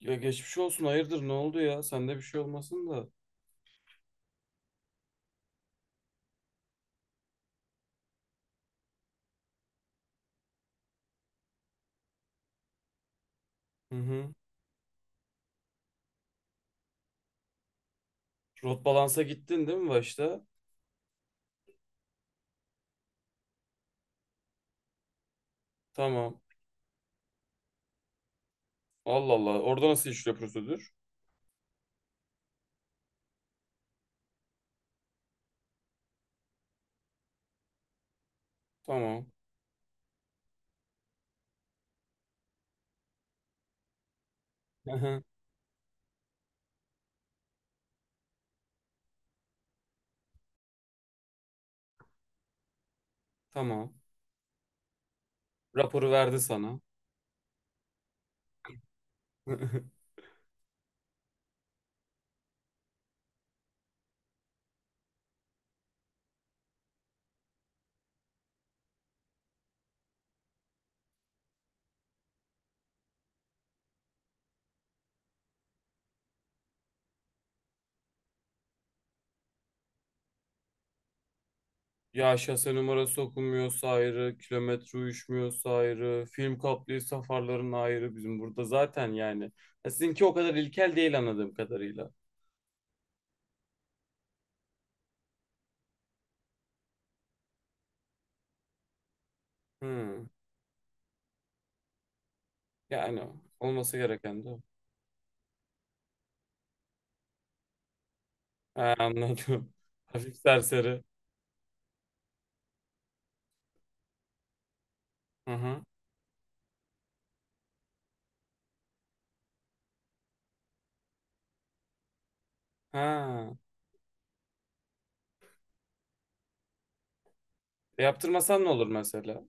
Ya geçmiş olsun, hayırdır ne oldu ya? Sende bir şey olmasın da. Hı hı. Rot balansa gittin değil mi başta? Tamam. Allah Allah. Orada nasıl işliyor prosedür? Tamam. Hı hı. Tamam. Raporu verdi sana. Ya şase numarası okunmuyorsa ayrı, kilometre uyuşmuyorsa ayrı, film kaplıysa farların ayrı bizim burada zaten yani. Ya sizinki o kadar ilkel değil anladığım kadarıyla. Hı. Yani olması gereken de o. Ha, anladım. Hafif serseri. Hı hı. Ha. Yaptırmasan ne olur mesela?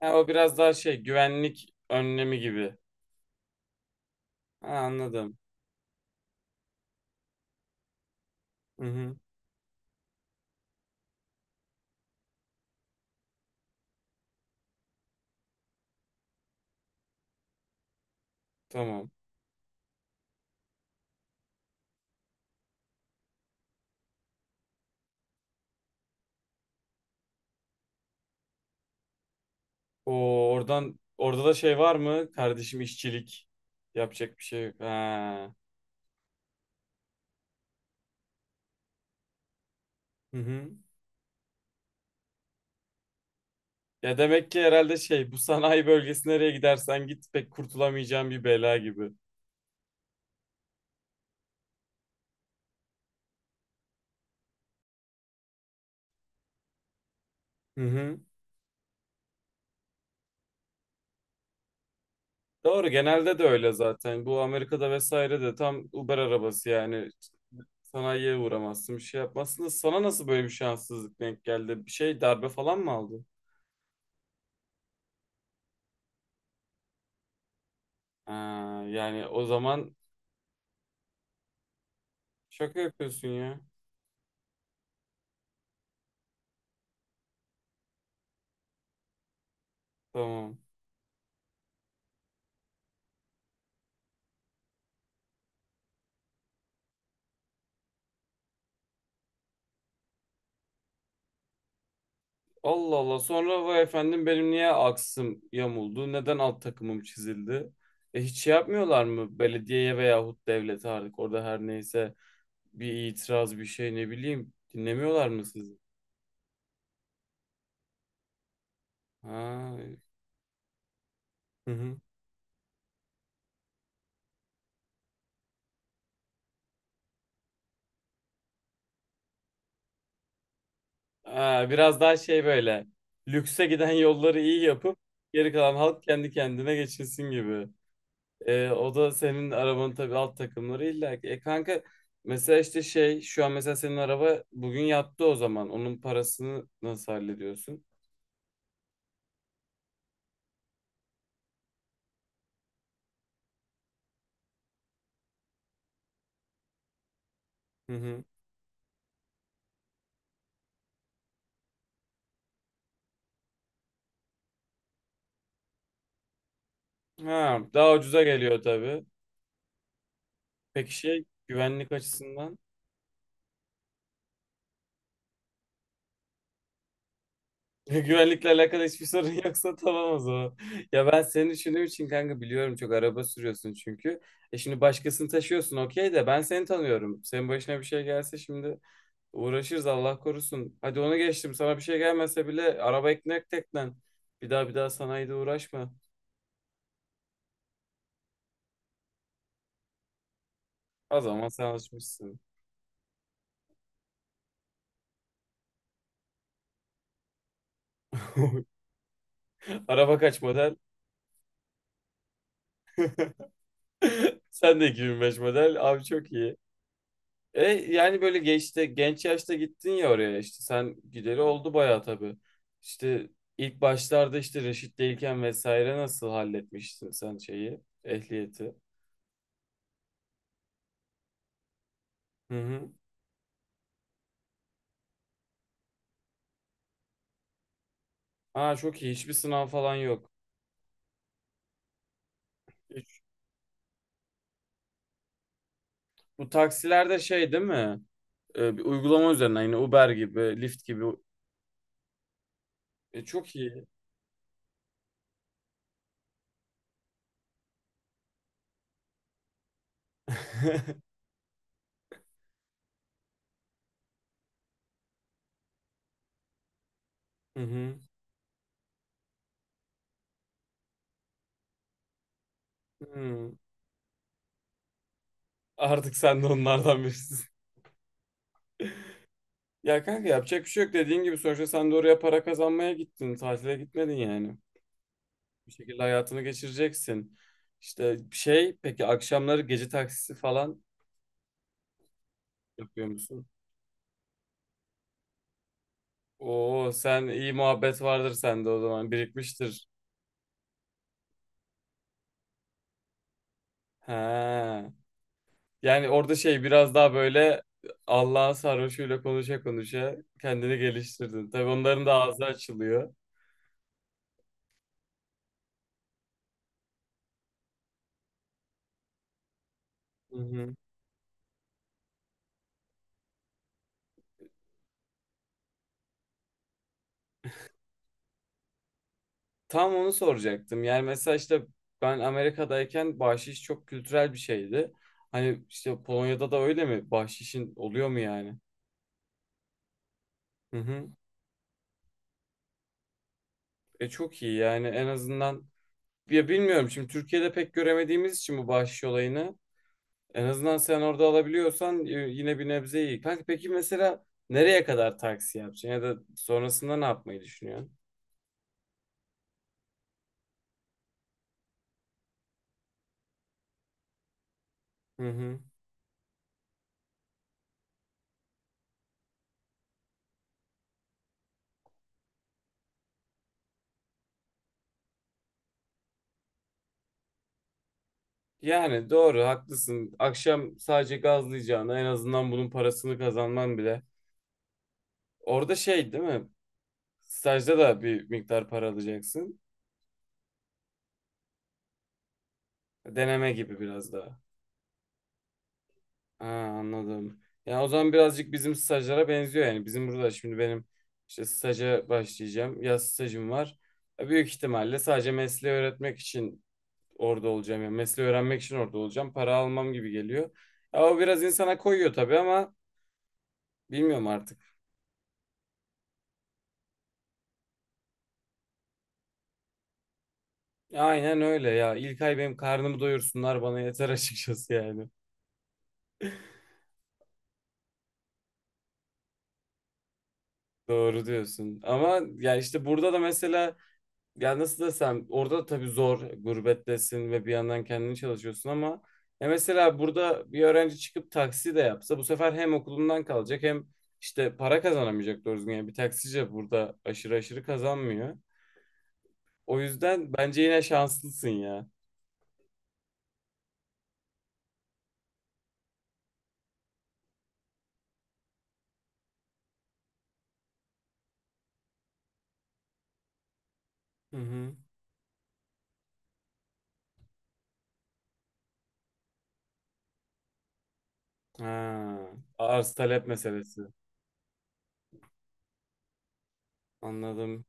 Ha, o biraz daha şey güvenlik önlemi gibi. Ha, anladım. Hı hı, tamam. O oradan, orada da şey var mı? Kardeşim işçilik yapacak bir şey yok. Ha. Hı hı. Ya demek ki herhalde şey, bu sanayi bölgesi nereye gidersen git pek kurtulamayacağın bir bela gibi. Hı hı. Doğru, genelde de öyle zaten. Bu Amerika'da vesaire de tam Uber arabası yani, sanayiye uğramazsın, bir şey yapmazsın da sana nasıl böyle bir şanssızlık denk geldi? Bir şey darbe falan mı aldı? Ha, yani o zaman şaka yapıyorsun ya. Tamam. Allah Allah. Sonra vay efendim benim niye aksım yamuldu? Neden alt takımım çizildi? E hiç şey yapmıyorlar mı, belediyeye veyahut devlete, artık orada her neyse bir itiraz bir şey, ne bileyim, dinlemiyorlar mı sizi? Ha. Hı hı. Ha, biraz daha şey, böyle lükse giden yolları iyi yapıp geri kalan halk kendi kendine geçinsin gibi. E, o da senin arabanın tabii, alt takımları illa ki. E kanka, mesela işte şey, şu an mesela senin araba bugün yattı o zaman. Onun parasını nasıl hallediyorsun? Hı hı. Ha, daha ucuza geliyor tabii. Peki şey, güvenlik açısından? Güvenlikle alakalı hiçbir sorun yoksa tamam o zaman. Ya ben seni düşündüğüm için kanka, biliyorum çok araba sürüyorsun çünkü. E şimdi başkasını taşıyorsun okey de ben seni tanıyorum. Senin başına bir şey gelse şimdi uğraşırız, Allah korusun. Hadi onu geçtim. Sana bir şey gelmese bile araba ekmek teknen. Bir daha bir daha sanayide uğraşma. O zaman sen alışmışsın. Araba kaç model? Sen de 2005 model. Abi çok iyi. E yani böyle geçti, genç yaşta gittin ya oraya, işte sen gideri oldu bayağı tabii. İşte ilk başlarda işte reşitteyken vesaire nasıl halletmiştin sen şeyi, ehliyeti? Hı hı. Aa çok iyi, hiçbir sınav falan yok. Hiç- Bu taksilerde şey değil mi? E, bir uygulama üzerinden yine Uber gibi, Lyft gibi. E, çok iyi. Hı hı. Hı. Artık sen de onlardan birisin. Ya kanka, yapacak bir şey yok, dediğin gibi sonuçta sen de oraya para kazanmaya gittin. Tatile gitmedin yani. Bir şekilde hayatını geçireceksin. İşte şey, peki akşamları gece taksisi falan yapıyor musun? Oo, sen iyi muhabbet vardır sende, o zaman birikmiştir. He. Yani orada şey, biraz daha böyle Allah'ın sarhoşuyla konuşa konuşa kendini geliştirdin. Tabii onların da ağzı açılıyor. Hı hı. Tam onu soracaktım. Yani mesela işte, ben Amerika'dayken bahşiş çok kültürel bir şeydi. Hani, işte Polonya'da da öyle mi? Bahşişin oluyor mu yani? Hı hı. E çok iyi yani, en azından, ya bilmiyorum, şimdi Türkiye'de pek göremediğimiz için bu bahşiş olayını, en azından sen orada alabiliyorsan yine bir nebze iyi. Kanka peki mesela nereye kadar taksi yapacaksın ya da sonrasında ne yapmayı düşünüyorsun? Hı hı. Yani doğru, haklısın. Akşam sadece gazlayacağına en azından bunun parasını kazanman bile. Orada şey değil mi? Stajda da bir miktar para alacaksın. Deneme gibi biraz daha. Ha, anladım. Yani o zaman birazcık bizim stajlara benziyor yani. Bizim burada şimdi benim işte staja başlayacağım. Yaz stajım var. E, büyük ihtimalle sadece mesleği öğretmek için orada olacağım. Yani mesleği öğrenmek için orada olacağım. Para almam gibi geliyor. Ya o biraz insana koyuyor tabii ama bilmiyorum artık. Aynen öyle ya. İlk ay benim karnımı doyursunlar bana yeter açıkçası yani. Doğru diyorsun. Ama ya işte burada da mesela, ya nasıl desem, orada da tabii zor, gurbettesin ve bir yandan kendini çalışıyorsun ama ya mesela burada bir öğrenci çıkıp taksi de yapsa bu sefer hem okulundan kalacak hem işte para kazanamayacak doğru düzgün. Yani bir taksici burada aşırı aşırı kazanmıyor. O yüzden bence yine şanslısın ya. Hı hı. Ha, arz talep meselesi. Anladım.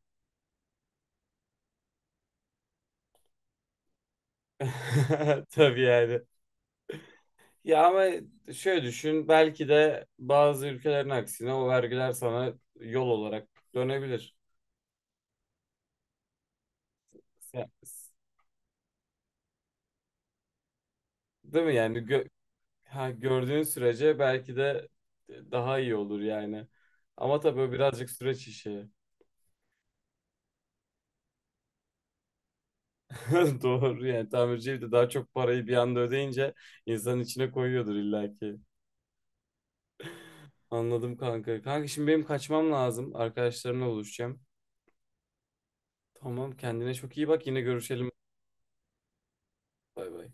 Tabii yani. Ya ama şöyle düşün, belki de bazı ülkelerin aksine o vergiler sana yol olarak dönebilir. Ya, s- Değil mi yani? Ha, gördüğün sürece belki de, e, daha iyi olur yani. Ama tabii o birazcık süreç işi. Doğru yani, tamirci de daha çok parayı bir anda ödeyince insanın içine koyuyordur illaki. Anladım kanka. Kanka şimdi benim kaçmam lazım. Arkadaşlarımla buluşacağım. Tamam, kendine çok iyi bak, yine görüşelim. Bay bay.